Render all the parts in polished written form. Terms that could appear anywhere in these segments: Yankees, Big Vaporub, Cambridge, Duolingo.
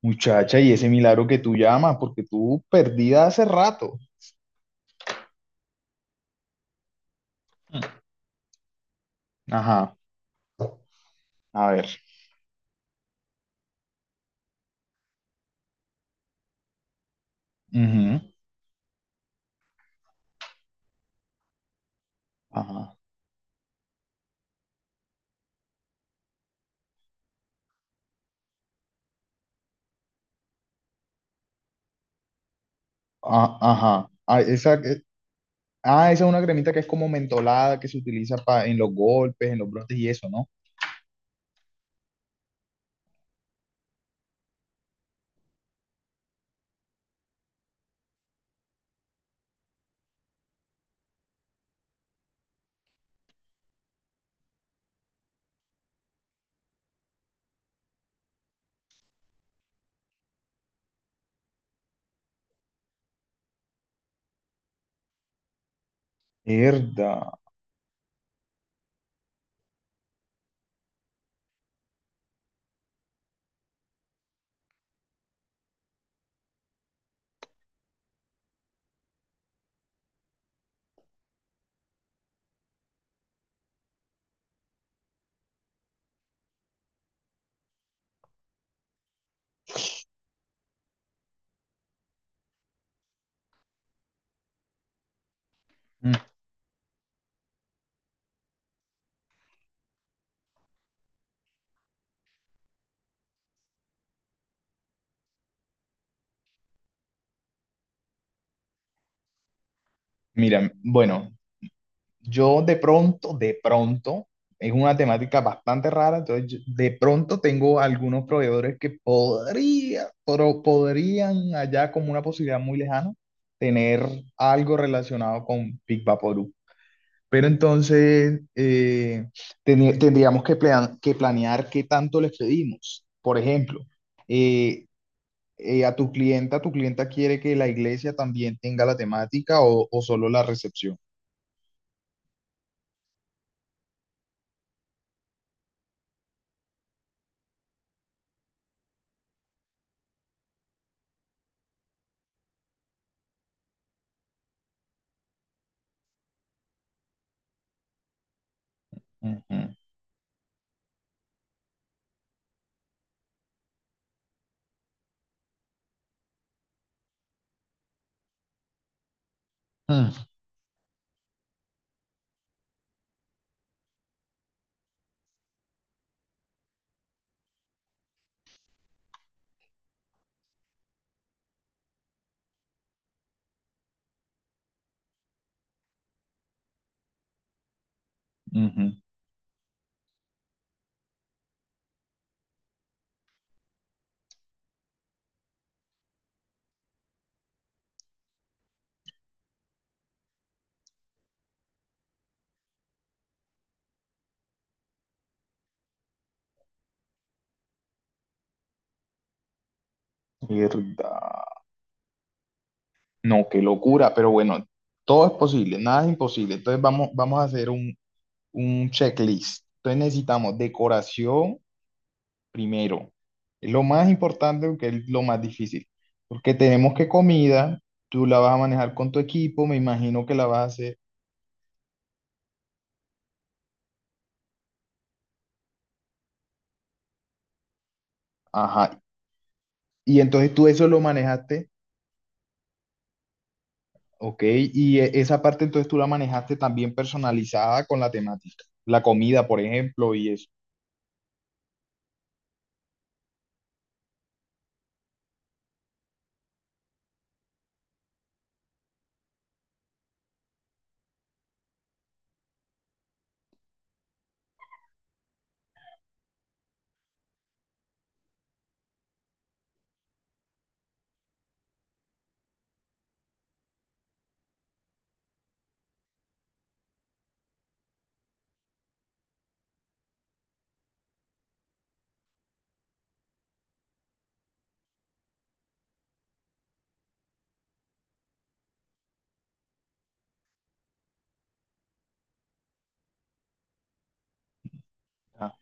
Muchacha, ¿y ese milagro que tú llamas? Porque tú perdida hace rato. Mm. Ajá, a ver. Ujú. Ajá, ah, ajá. Ah, esa es una cremita que es como mentolada, que se utiliza en los golpes, en los brotes y eso, ¿no? Mierda. Mm. Mira, bueno, yo de pronto, es una temática bastante rara, entonces de pronto tengo algunos proveedores que podría, pero podrían allá como una posibilidad muy lejana tener algo relacionado con Big Vaporub. Pero entonces tendríamos que, que planear qué tanto les pedimos. Por ejemplo, eh, a tu clienta quiere que la iglesia también tenga la temática, o solo la recepción. Ujú. Mm, ujú. Mierda. No, qué locura, pero bueno, todo es posible, nada es imposible. Entonces vamos a hacer un checklist. Entonces necesitamos decoración primero. Es lo más importante porque es lo más difícil. Porque tenemos que comida, tú la vas a manejar con tu equipo, me imagino que la vas a hacer. Ajá. Y entonces tú eso lo manejaste, ok. Y esa parte entonces tú la manejaste también personalizada con la temática. La comida, por ejemplo, y eso. Ah.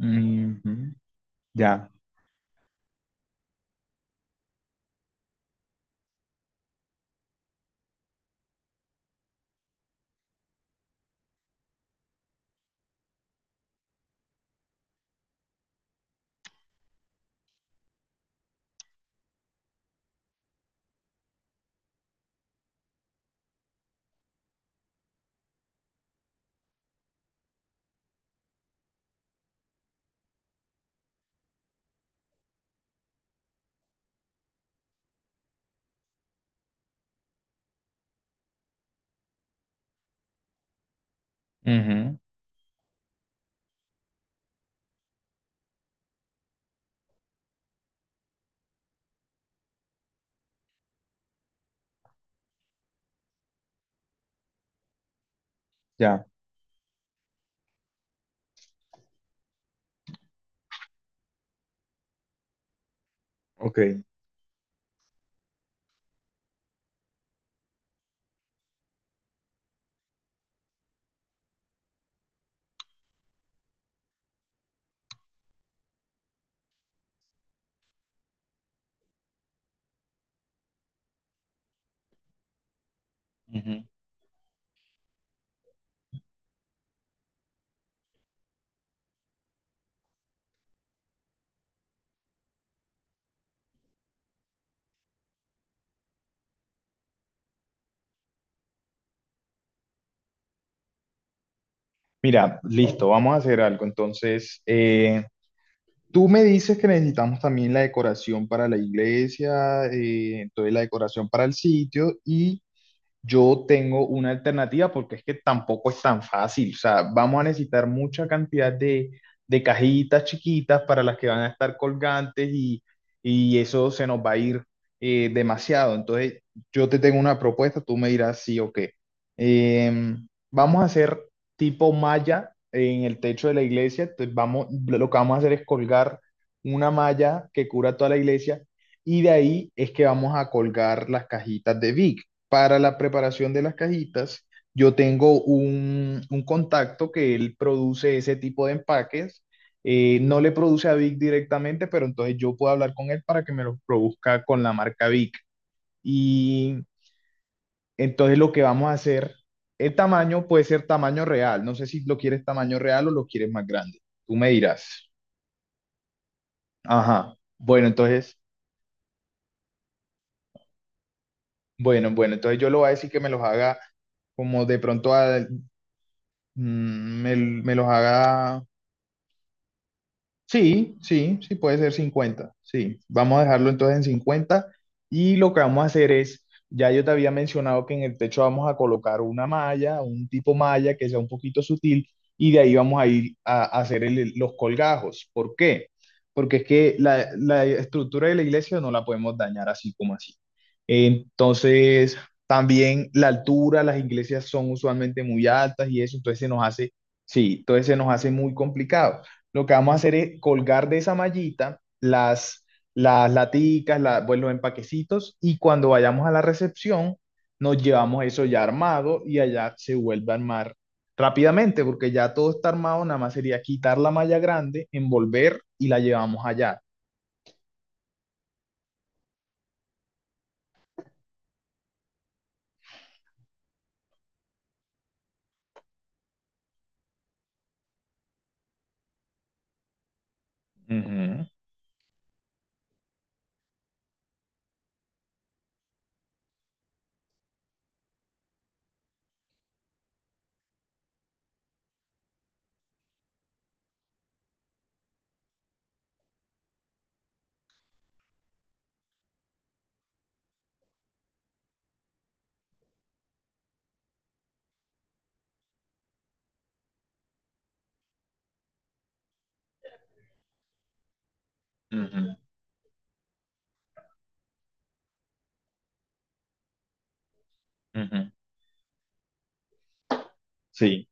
Ujú. Ya. Ujú, ya, ok. Ujú. Mira, listo, vamos a hacer algo. Entonces, tú me dices que necesitamos también la decoración para la iglesia, entonces la decoración para el sitio, y yo tengo una alternativa porque es que tampoco es tan fácil. O sea, vamos a necesitar mucha cantidad de cajitas chiquitas para las que van a estar colgantes, y eso se nos va a ir demasiado. Entonces, yo te tengo una propuesta, tú me dirás sí o qué. Vamos a hacer tipo malla en el techo de la iglesia. Entonces, vamos, lo que vamos a hacer es colgar una malla que cubra toda la iglesia y de ahí es que vamos a colgar las cajitas de Vic. Para la preparación de las cajitas, yo tengo un contacto que él produce ese tipo de empaques. No le produce a Vic directamente, pero entonces yo puedo hablar con él para que me los produzca con la marca Vic. Y entonces lo que vamos a hacer, el tamaño puede ser tamaño real. No sé si lo quieres tamaño real o lo quieres más grande. Tú me dirás. Ajá. Bueno, entonces yo le voy a decir que me los haga como de pronto mm, me los haga. Sí, sí, sí, puede ser 50. Sí, vamos a dejarlo entonces en 50. Y lo que vamos a hacer es, ya yo te había mencionado que en el techo vamos a colocar una malla, un tipo malla que sea un poquito sutil, y de ahí vamos a ir a hacer los colgajos. ¿Por qué? Porque es que la estructura de la iglesia no la podemos dañar así como así. Entonces, también la altura, las iglesias son usualmente muy altas y eso, entonces se nos hace, sí, entonces se nos hace muy complicado. Lo que vamos a hacer es colgar de esa mallita las laticas, pues, los empaquecitos, y cuando vayamos a la recepción nos llevamos eso ya armado y allá se vuelve a armar rápidamente porque ya todo está armado, nada más sería quitar la malla grande, envolver y la llevamos allá. Ujú, ujú, ujú. Sí.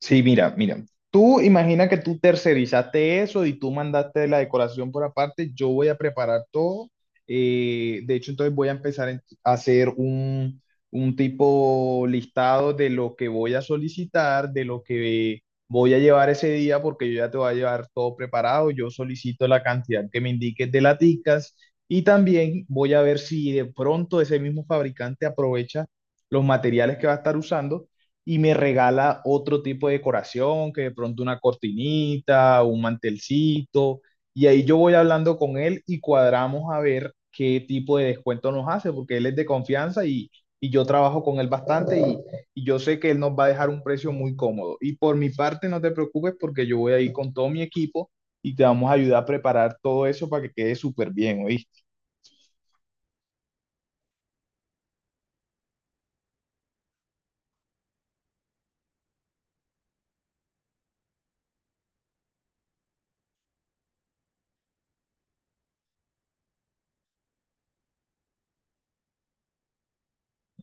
Sí, mira, mira. Tú imagina que tú tercerizaste eso y tú mandaste la decoración por aparte. Yo voy a preparar todo. De hecho, entonces voy a empezar a hacer un tipo listado de lo que voy a solicitar, de lo que voy a llevar ese día, porque yo ya te voy a llevar todo preparado. Yo solicito la cantidad que me indiques de laticas, y también voy a ver si de pronto ese mismo fabricante aprovecha los materiales que va a estar usando y me regala otro tipo de decoración, que de pronto una cortinita, un mantelcito, y ahí yo voy hablando con él y cuadramos a ver qué tipo de descuento nos hace, porque él es de confianza y yo trabajo con él bastante, y yo sé que él nos va a dejar un precio muy cómodo. Y por mi parte, no te preocupes porque yo voy a ir con todo mi equipo y te vamos a ayudar a preparar todo eso para que quede súper bien, ¿oíste?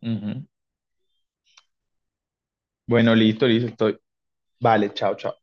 Ujú. Bueno, listo, listo, estoy. Vale, chao, chao.